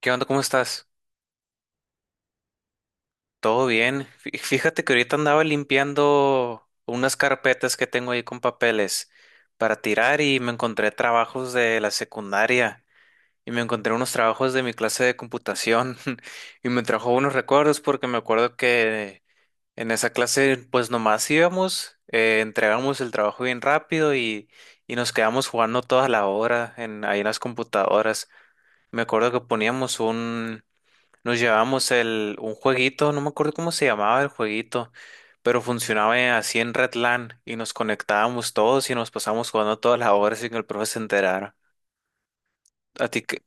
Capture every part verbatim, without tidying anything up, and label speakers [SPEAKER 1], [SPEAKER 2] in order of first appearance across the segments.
[SPEAKER 1] ¿Qué onda? ¿Cómo estás? ¿Todo bien? Fí- Fíjate que ahorita andaba limpiando unas carpetas que tengo ahí con papeles para tirar y me encontré trabajos de la secundaria y me encontré unos trabajos de mi clase de computación y me trajo unos recuerdos porque me acuerdo que en esa clase pues nomás íbamos, eh, entregamos el trabajo bien rápido y, y nos quedamos jugando toda la hora en, ahí en las computadoras. Me acuerdo que poníamos un... Nos llevamos el, un jueguito, no me acuerdo cómo se llamaba el jueguito, pero funcionaba así en Redland y nos conectábamos todos y nos pasamos jugando todas las horas sin que el profe se enterara. ¿A ti, qué-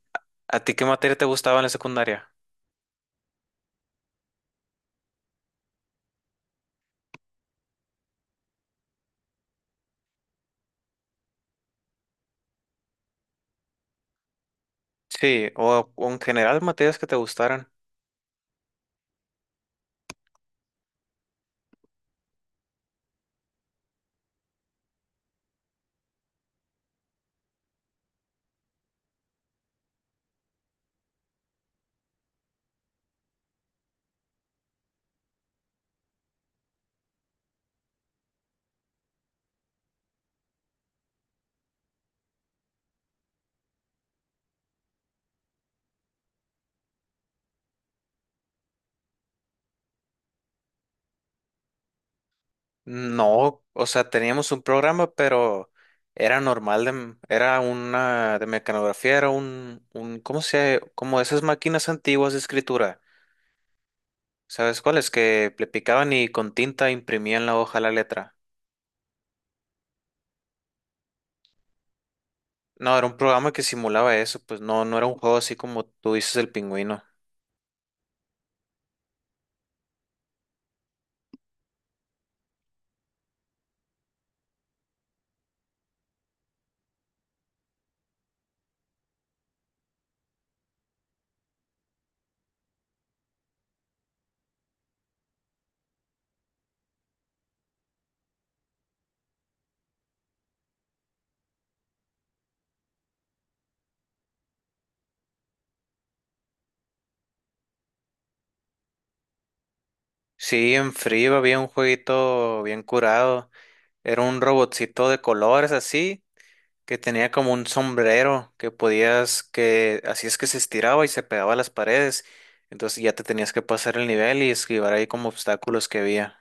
[SPEAKER 1] ¿A ti qué materia te gustaba en la secundaria? Sí, o, o en general materias que te gustaran. No, o sea, teníamos un programa, pero era normal, de, era una de mecanografía, era un, un, ¿cómo se, como esas máquinas antiguas de escritura? ¿Sabes cuál? Es que le picaban y con tinta imprimían la hoja la letra. No, era un programa que simulaba eso, pues no, no era un juego así como tú dices el pingüino. Sí, en frío había un jueguito bien curado. Era un robotcito de colores así, que tenía como un sombrero que podías, que así es que se estiraba y se pegaba a las paredes. Entonces ya te tenías que pasar el nivel y esquivar ahí como obstáculos que había.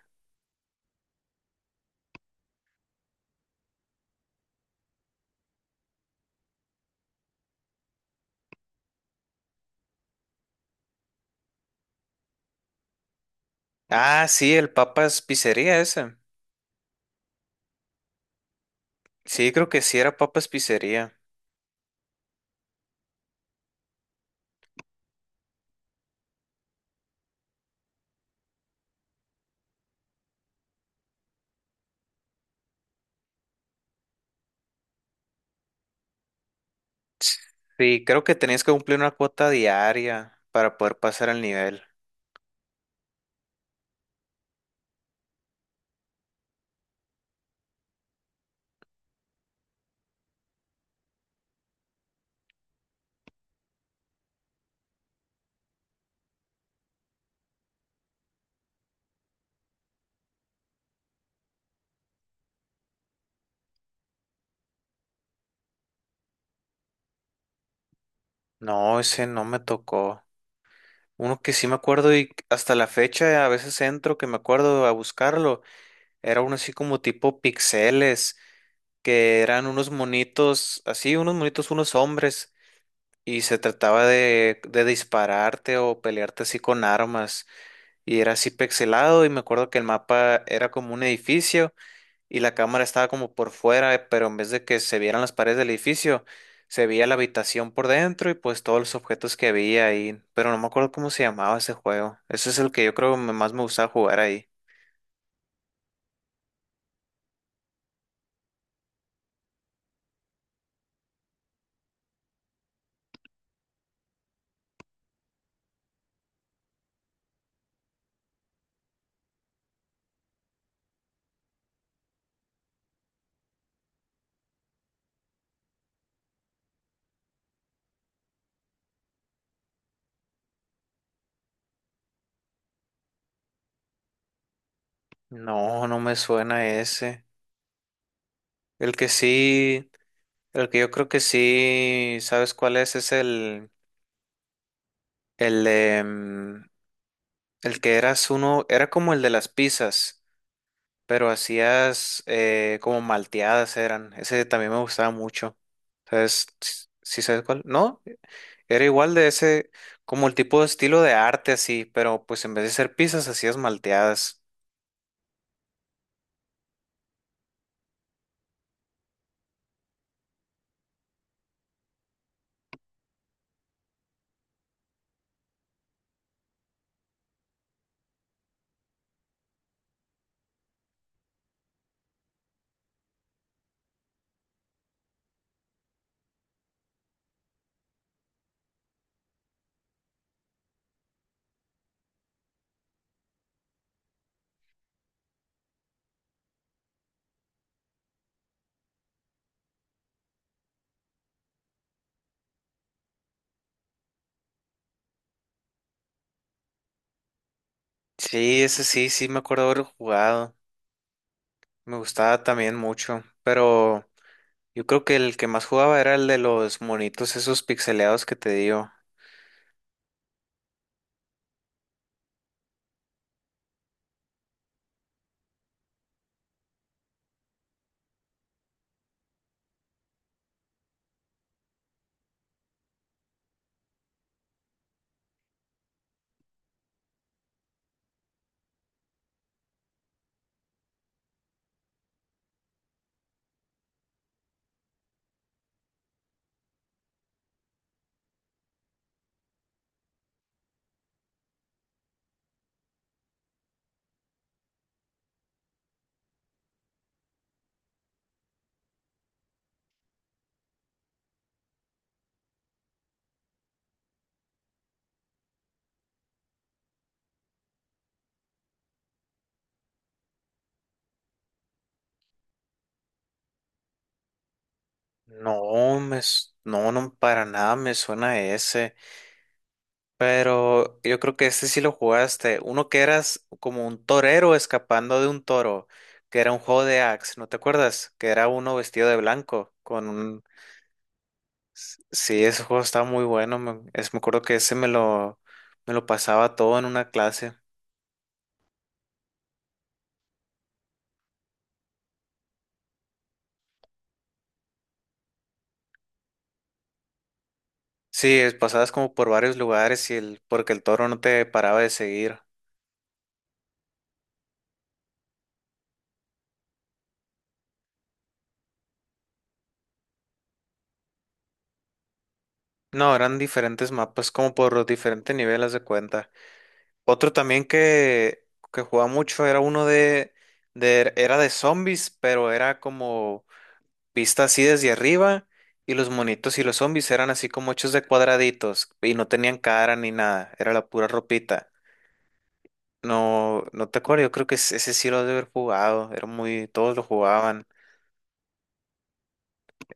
[SPEAKER 1] Ah, sí, el Papas Pizzería ese. Sí, creo que sí era Papas Pizzería. Sí, creo que tenías que cumplir una cuota diaria para poder pasar el nivel. No, ese no me tocó. Uno que sí me acuerdo y hasta la fecha a veces entro que me acuerdo a buscarlo. Era uno así como tipo pixeles, que eran unos monitos, así unos monitos, unos hombres, y se trataba de, de dispararte o pelearte así con armas. Y era así pixelado y me acuerdo que el mapa era como un edificio y la cámara estaba como por fuera, eh, pero en vez de que se vieran las paredes del edificio, se veía la habitación por dentro y pues todos los objetos que había ahí, pero no me acuerdo cómo se llamaba ese juego. Ese es el que yo creo que más me gustaba jugar ahí. No, no me suena ese. El que sí, el que yo creo que sí, ¿sabes cuál es? Es el, el, em, el que eras uno, era como el de las pizzas, pero hacías eh, como malteadas eran. Ese también me gustaba mucho. ¿Sabes? s- ¿Sí sabes cuál? No, era igual de ese, como el tipo de estilo de arte así, pero pues en vez de hacer pizzas hacías malteadas. Sí, ese sí, sí me acuerdo haber jugado. Me gustaba también mucho, pero yo creo que el que más jugaba era el de los monitos esos pixeleados que te digo. No, me, s- no, no, para nada me suena ese. Pero yo creo que este sí lo jugaste. Uno que eras como un torero escapando de un toro, que era un juego de Axe, ¿no te acuerdas? Que era uno vestido de blanco con un... Sí, ese juego estaba muy bueno. Me, es- me acuerdo que ese me lo, me lo pasaba todo en una clase. Sí, es- pasabas como por varios lugares y el, porque el toro no te paraba de seguir. No, eran diferentes mapas, como por los diferentes niveles de cuenta. Otro también que, que jugaba mucho era uno de, de- era de zombies, pero era como vista así desde arriba y los monitos y los zombies eran así como hechos de cuadraditos y no tenían cara ni nada, era la pura ropita. No, no te acuerdo, yo creo que ese ese sí lo has de haber jugado, era muy, todos lo jugaban.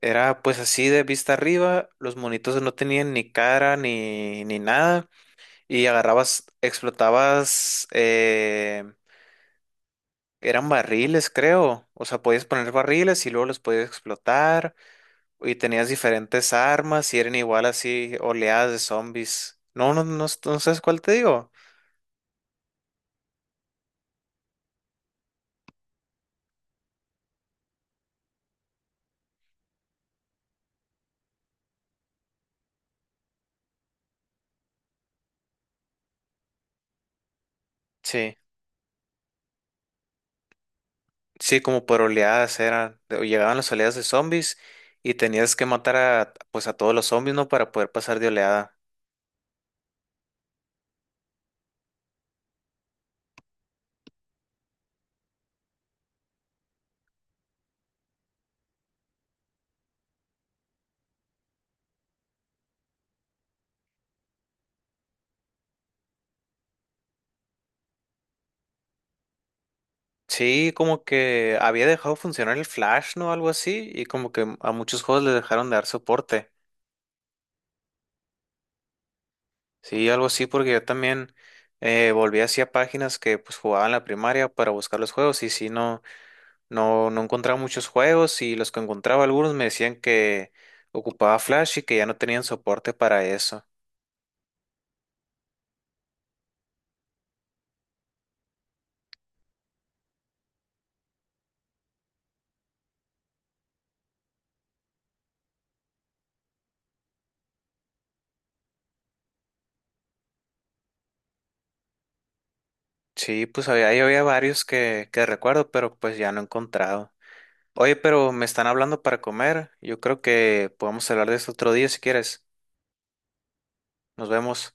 [SPEAKER 1] Era pues así de vista arriba, los monitos no tenían ni cara ni, ni nada y agarrabas, explotabas eh, eran barriles, creo. O sea, podías poner barriles y luego los podías explotar. Y tenías diferentes armas y eran igual así oleadas de zombies. No, no, no, no sabes cuál te digo. Sí, sí, como por oleadas eran. O llegaban las oleadas de zombies y tenías que matar a, pues a todos los zombies, ¿no? Para poder pasar de oleada. Sí, como que había dejado funcionar el Flash, ¿no? Algo así. Y como que a muchos juegos les dejaron de dar soporte. Sí, algo así, porque yo también eh, volví hacia páginas que pues jugaba en la primaria para buscar los juegos y sí, no, no, no encontraba muchos juegos y los que encontraba algunos me decían que ocupaba Flash y que ya no tenían soporte para eso. Sí, pues había, ahí había varios que, que recuerdo, pero pues ya no he encontrado. Oye, pero me están hablando para comer. Yo creo que podemos hablar de esto otro día si quieres. Nos vemos.